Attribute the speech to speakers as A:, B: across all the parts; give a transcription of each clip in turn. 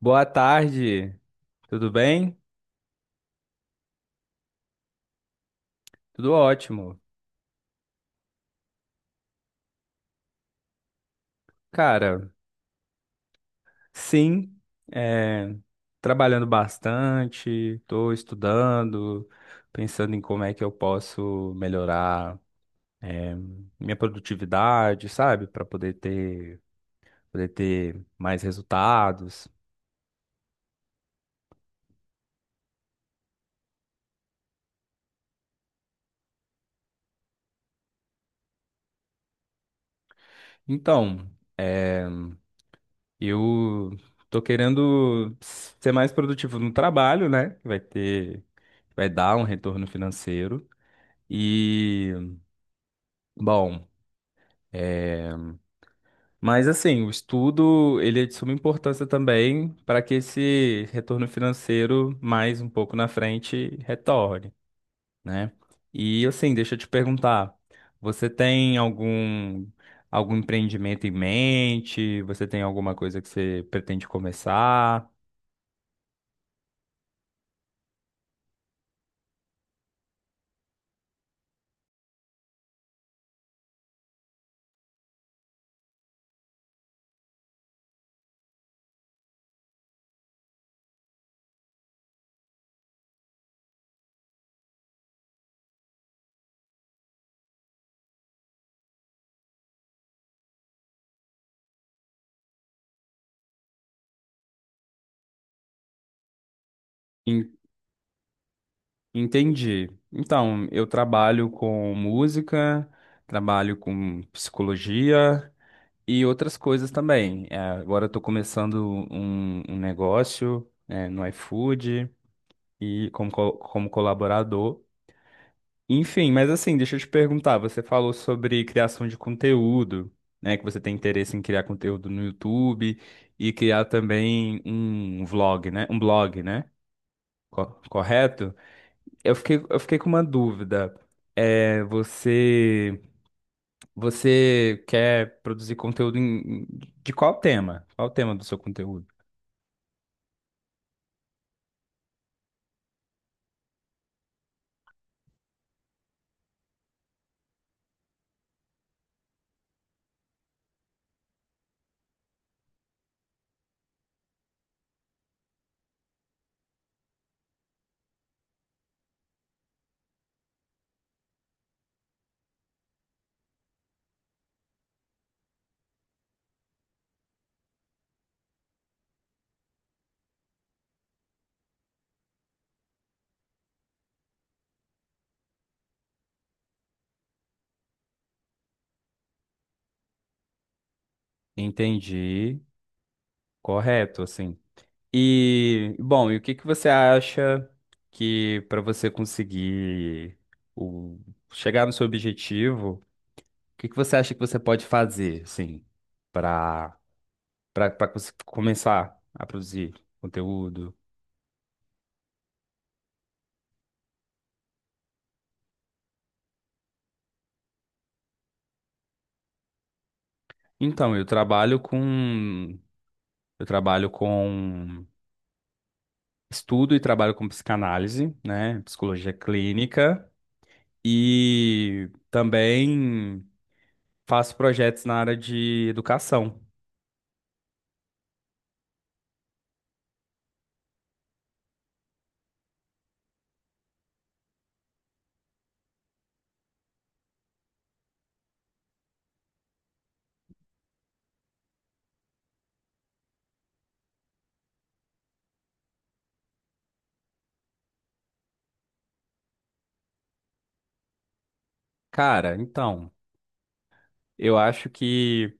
A: Boa tarde, tudo bem? Tudo ótimo. Cara, sim, é, trabalhando bastante, estou estudando, pensando em como é que eu posso melhorar, é, minha produtividade, sabe? Poder ter mais resultados. Então, é, eu tô querendo ser mais produtivo no trabalho, né? Que vai dar um retorno financeiro. E, bom. É, mas assim, o estudo ele é de suma importância também para que esse retorno financeiro mais um pouco na frente retorne, né? E assim, deixa eu te perguntar, você tem algum empreendimento em mente? Você tem alguma coisa que você pretende começar? En- Entendi. Então, eu trabalho com música, trabalho com psicologia. E outras coisas também. É, agora eu tô começando um negócio, é, no iFood e como colaborador. Enfim, mas assim, deixa eu te perguntar, você falou sobre criação de conteúdo, né? Que você tem interesse em criar conteúdo no YouTube e criar também um vlog, né? Um blog, né? Correto? Eu fiquei com uma dúvida. É, você, você quer produzir conteúdo de qual tema? Qual o tema do seu conteúdo? Entendi. Correto, assim. E, bom, e o que que você acha que para você conseguir o, chegar no seu objetivo, o que que você acha que você pode fazer, assim, para para começar a produzir conteúdo? Então, eu trabalho com estudo e trabalho com psicanálise, né, psicologia clínica e também faço projetos na área de educação. Cara, então, eu acho que.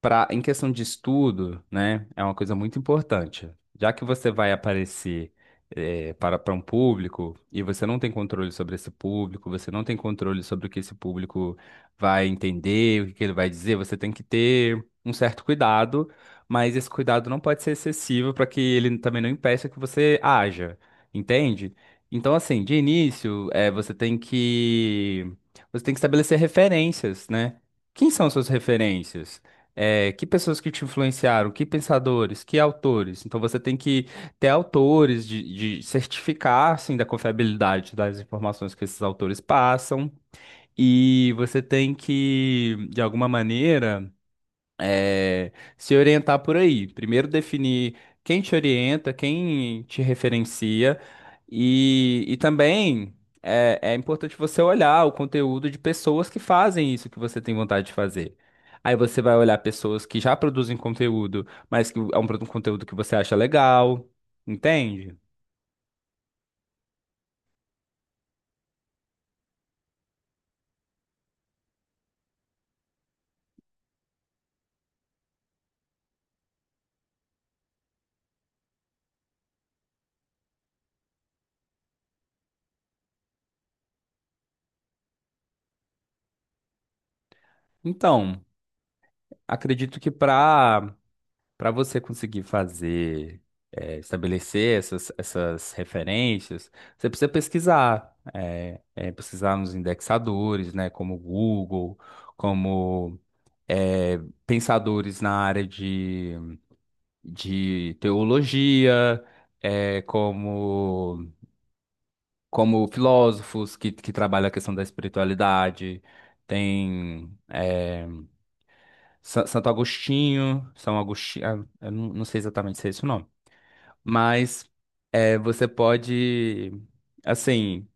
A: Pra, em questão de estudo, né, é uma coisa muito importante. Já que você vai aparecer para um público e você não tem controle sobre esse público, você não tem controle sobre o que esse público vai entender, o que que ele vai dizer, você tem que ter um certo cuidado, mas esse cuidado não pode ser excessivo para que ele também não impeça que você haja, entende? Então, assim, de início, você tem que estabelecer referências, né? Quem são suas referências? É, que pessoas que te influenciaram, que pensadores, que autores. Então você tem que ter autores de certificar assim, da confiabilidade das informações que esses autores passam. E você tem que, de alguma maneira, é, se orientar por aí. Primeiro definir quem te orienta, quem te referencia e também é importante você olhar o conteúdo de pessoas que fazem isso que você tem vontade de fazer. Aí você vai olhar pessoas que já produzem conteúdo, mas que é um um conteúdo que você acha legal, entende? Então, acredito que para para você conseguir fazer, estabelecer essas referências, você precisa pesquisar, pesquisar nos indexadores, né, como Google, como eh, pensadores na área de teologia, eh, como, como filósofos que trabalham a questão da espiritualidade. Tem Santo Agostinho, São Agostinho, eu não sei exatamente se é esse o nome. Mas é, você pode, assim,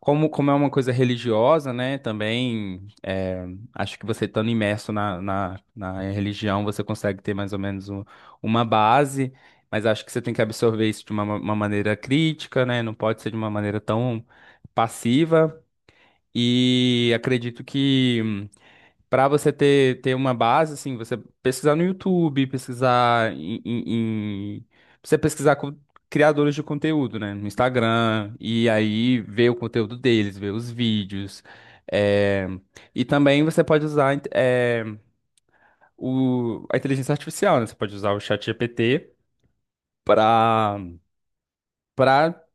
A: como é uma coisa religiosa, né? Também é, acho que você estando imerso na religião, você consegue ter mais ou menos uma base, mas acho que você tem que absorver isso de uma maneira crítica, né? Não pode ser de uma maneira tão passiva. E acredito que. Para você ter uma base, assim, você pesquisar no YouTube, pesquisar você pesquisar com criadores de conteúdo, né? No Instagram, e aí ver o conteúdo deles, ver os vídeos. é, E também você pode usar a inteligência artificial, né? Você pode usar o ChatGPT para para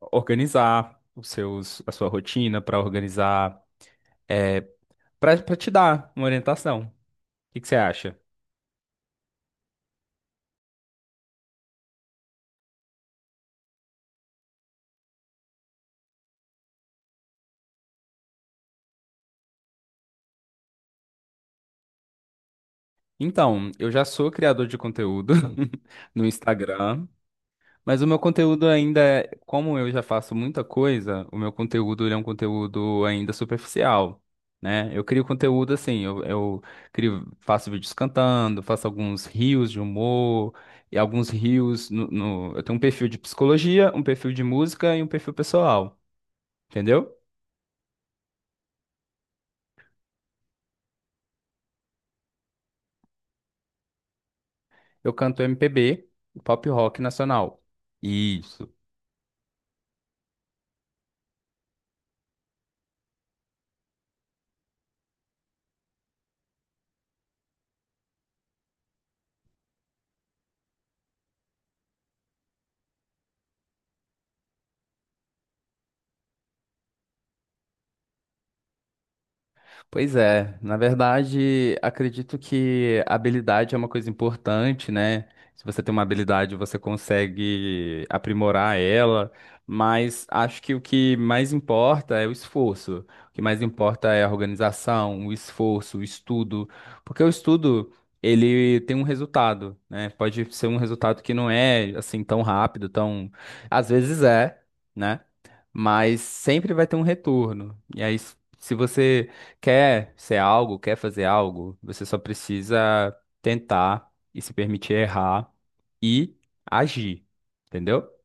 A: organizar a sua rotina, para organizar, para te dar uma orientação. O que que você acha? Então, eu já sou criador de conteúdo no Instagram, mas o meu conteúdo ainda é, como eu já faço muita coisa, o meu conteúdo ele é um conteúdo ainda superficial, né? Eu crio conteúdo assim, eu crio, faço vídeos cantando, faço alguns reels de humor e alguns reels eu tenho um perfil de psicologia, um perfil de música e um perfil pessoal, entendeu? Eu canto MPB, pop rock nacional. Isso. Pois é, na verdade, acredito que habilidade é uma coisa importante, né? Se você tem uma habilidade, você consegue aprimorar ela, mas acho que o que mais importa é o esforço. O que mais importa é a organização, o esforço, o estudo, porque o estudo, ele tem um resultado, né? Pode ser um resultado que não é assim tão rápido, tão às vezes é, né? Mas sempre vai ter um retorno. E aí, se você quer ser algo, quer fazer algo, você só precisa tentar e se permitir errar e agir, entendeu?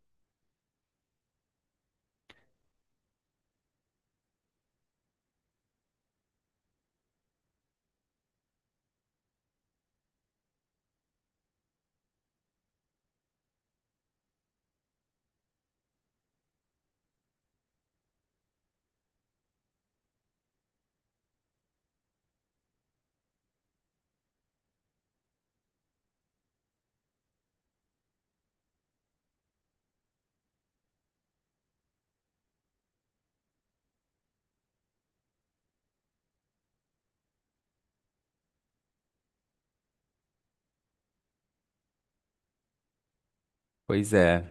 A: Pois é,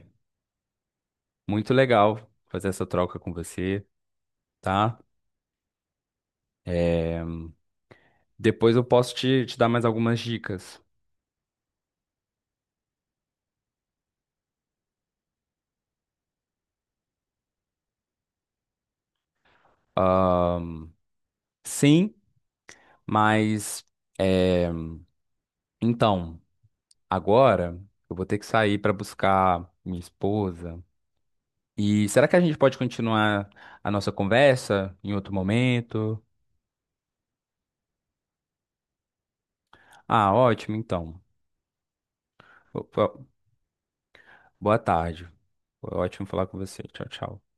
A: muito legal fazer essa troca com você, tá? É, depois eu posso te dar mais algumas dicas. Ah, sim, mas é, então, agora eu vou ter que sair para buscar minha esposa. E será que a gente pode continuar a nossa conversa em outro momento? Ah, ótimo, então. Bo- bo- Boa tarde. Foi ótimo falar com você. Tchau, tchau.